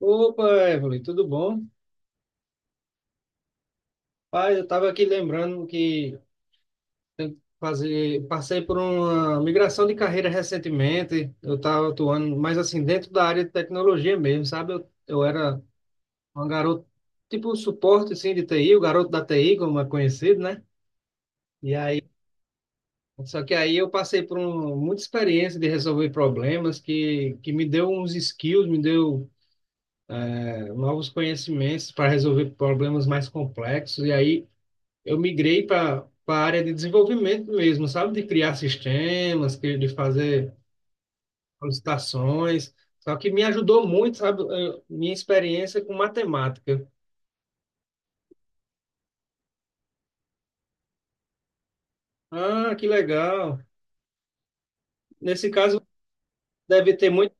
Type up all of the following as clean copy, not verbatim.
Opa, Evelyn, tudo bom? Pai, eu estava aqui lembrando que fazer, passei por uma migração de carreira recentemente. Eu estava atuando mas assim dentro da área de tecnologia mesmo, sabe? Eu era um garoto, tipo suporte assim, de TI, o garoto da TI, como é conhecido, né? E aí, só que aí eu passei por um, muita experiência de resolver problemas que me deu uns skills, me deu novos conhecimentos para resolver problemas mais complexos. E aí eu migrei para a área de desenvolvimento mesmo, sabe? De criar sistemas, de fazer solicitações. Só que me ajudou muito, sabe? Minha experiência com matemática. Ah, que legal. Nesse caso, deve ter muito.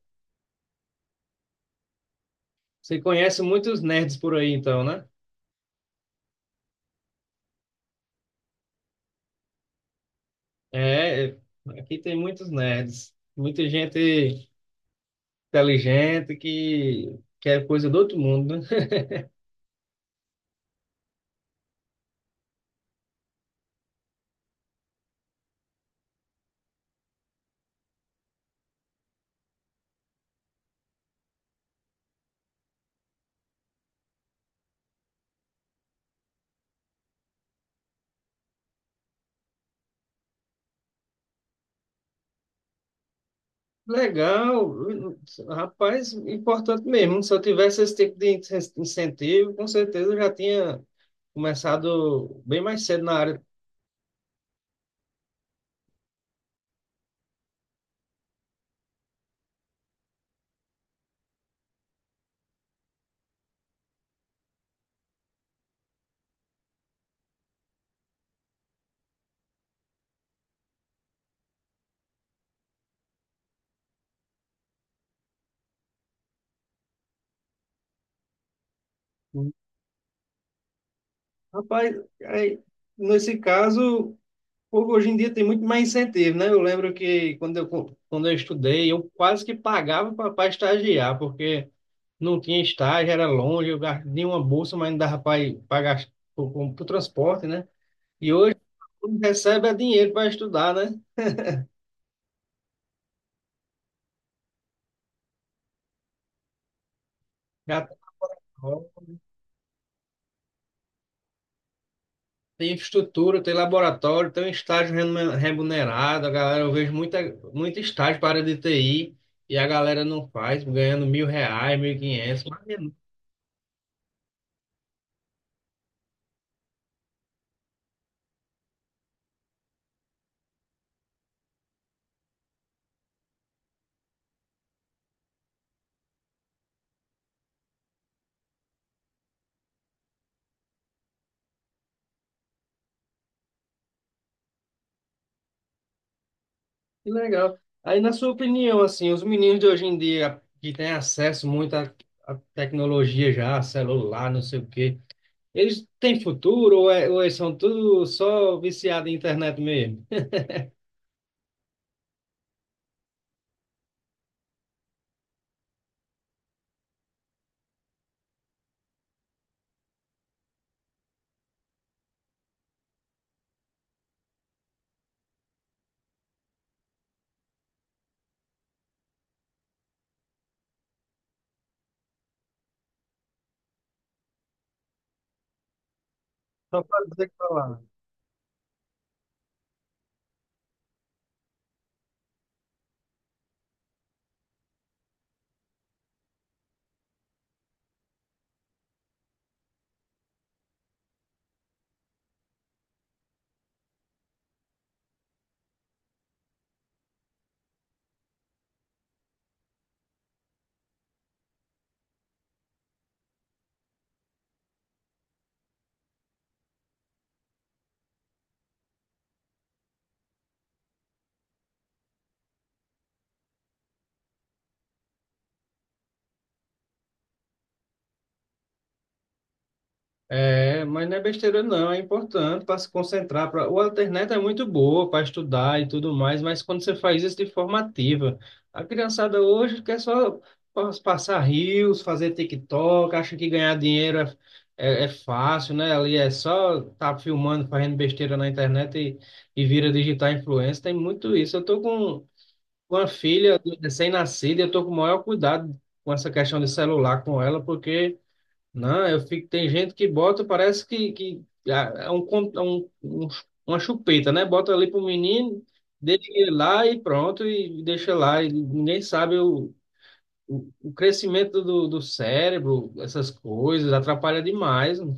Você conhece muitos nerds por aí, então, né? É, aqui tem muitos nerds. Muita gente inteligente que, quer coisa do outro mundo, né? Legal, rapaz, importante mesmo. Se eu tivesse esse tipo de incentivo, com certeza eu já tinha começado bem mais cedo na área. Rapaz, aí, nesse caso, pô, hoje em dia tem muito mais incentivo, né? Eu lembro que quando eu estudei, eu quase que pagava para estagiar, porque não tinha estágio, era longe, eu ganhei uma bolsa, mas não dava para pagar o transporte, né? E hoje quem recebe é dinheiro para estudar, né? Já. Tem infraestrutura, tem laboratório, tem um estágio remunerado. A galera, eu vejo muita, muito estágio para a área de TI e a galera não faz, ganhando R$ 1.000, 1.500. Imagina. Que legal. Aí, na sua opinião, assim, os meninos de hoje em dia que têm acesso muito à tecnologia já, celular, não sei o quê, eles têm futuro ou, ou eles são tudo só viciados em internet mesmo? Só para dizer que falar. É, mas não é besteira não, é importante para se concentrar. Pra... O internet é muito boa para estudar e tudo mais, mas quando você faz isso de forma ativa, a criançada hoje quer só passar rios, fazer TikTok, acha que ganhar dinheiro é fácil, né? Ali é só tá filmando, fazendo besteira na internet e vira digital influencer, tem muito isso. Eu tô com uma filha recém-nascida, e eu tô com o maior cuidado com essa questão de celular com ela, porque não, eu fico. Tem gente que bota, parece que uma chupeta, né? Bota ali pro menino, deixa ele lá e pronto, e deixa lá. E ninguém sabe o crescimento do cérebro, essas coisas, atrapalha demais, mano.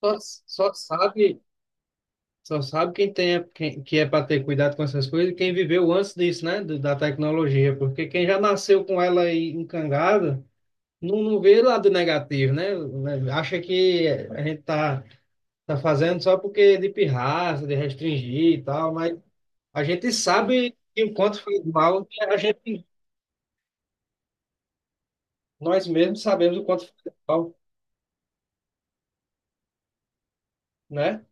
Só, só sabe, só sabe que é para ter cuidado com essas coisas, e quem viveu antes disso, né? Da tecnologia, porque quem já nasceu com ela aí encangada não, não vê lado negativo, né? Acha que a gente tá fazendo só porque é de pirraça, de restringir e tal, mas a gente sabe que o quanto faz mal, né? Nós mesmos sabemos o quanto faz mal, né?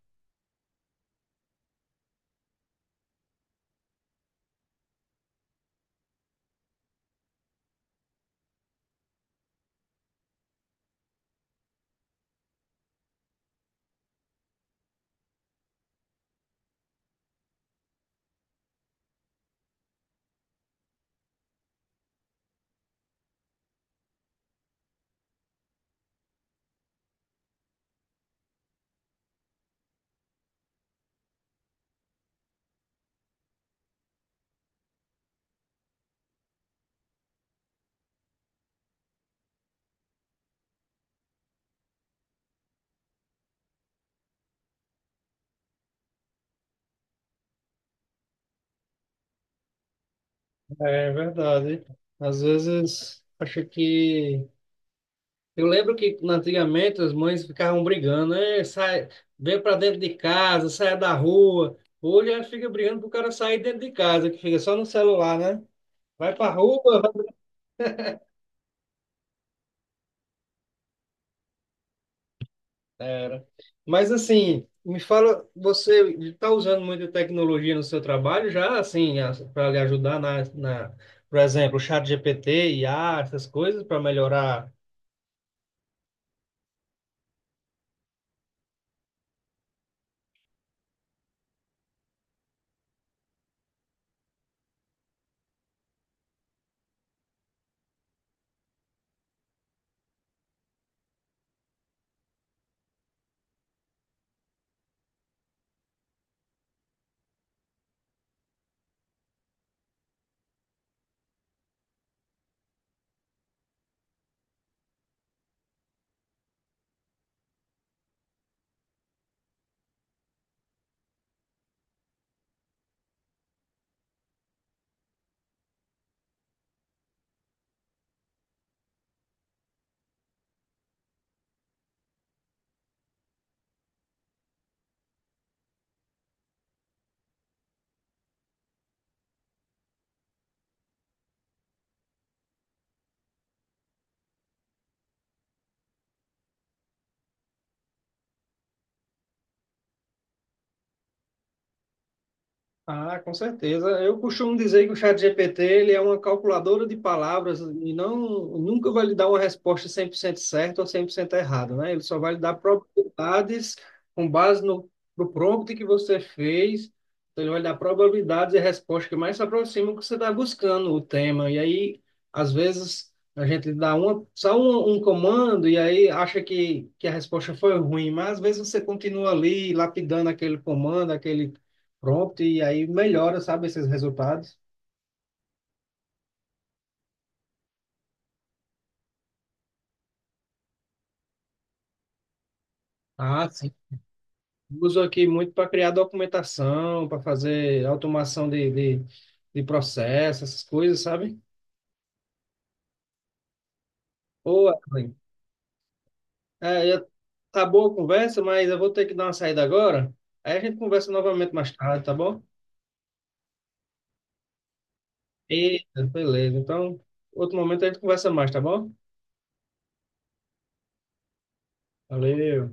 É verdade. Às vezes, acho que. Eu lembro que antigamente as mães ficavam brigando, né? Sai, vem para dentro de casa, sai da rua. Hoje a gente fica brigando pro cara sair dentro de casa, que fica só no celular, né? Vai pra rua. Era. Mas assim, me fala, você está usando muita tecnologia no seu trabalho já, assim, para lhe ajudar por exemplo, o chat GPT, IA, essas coisas, para melhorar. Ah, com certeza. Eu costumo dizer que o ChatGPT ele é uma calculadora de palavras e não nunca vai lhe dar uma resposta 100% certa ou 100% errada, né? Ele só vai lhe dar probabilidades com base no prompt que você fez. Então, ele vai lhe dar probabilidades e respostas que mais se aproximam do que você está buscando o tema. E aí, às vezes, a gente dá uma, só um comando e aí acha que a resposta foi ruim, mas às vezes você continua ali lapidando aquele comando, aquele prompt e aí melhora, sabe, esses resultados. Ah, sim. Uso aqui muito para criar documentação, para fazer automação de, de processo, essas coisas, sabe? Ô, Evelyn, é, eu- tá boa a conversa, mas eu vou ter que dar uma saída agora. Aí a gente conversa novamente mais tarde, tá bom? Eita, beleza. Então, outro momento a gente conversa mais, tá bom? Valeu.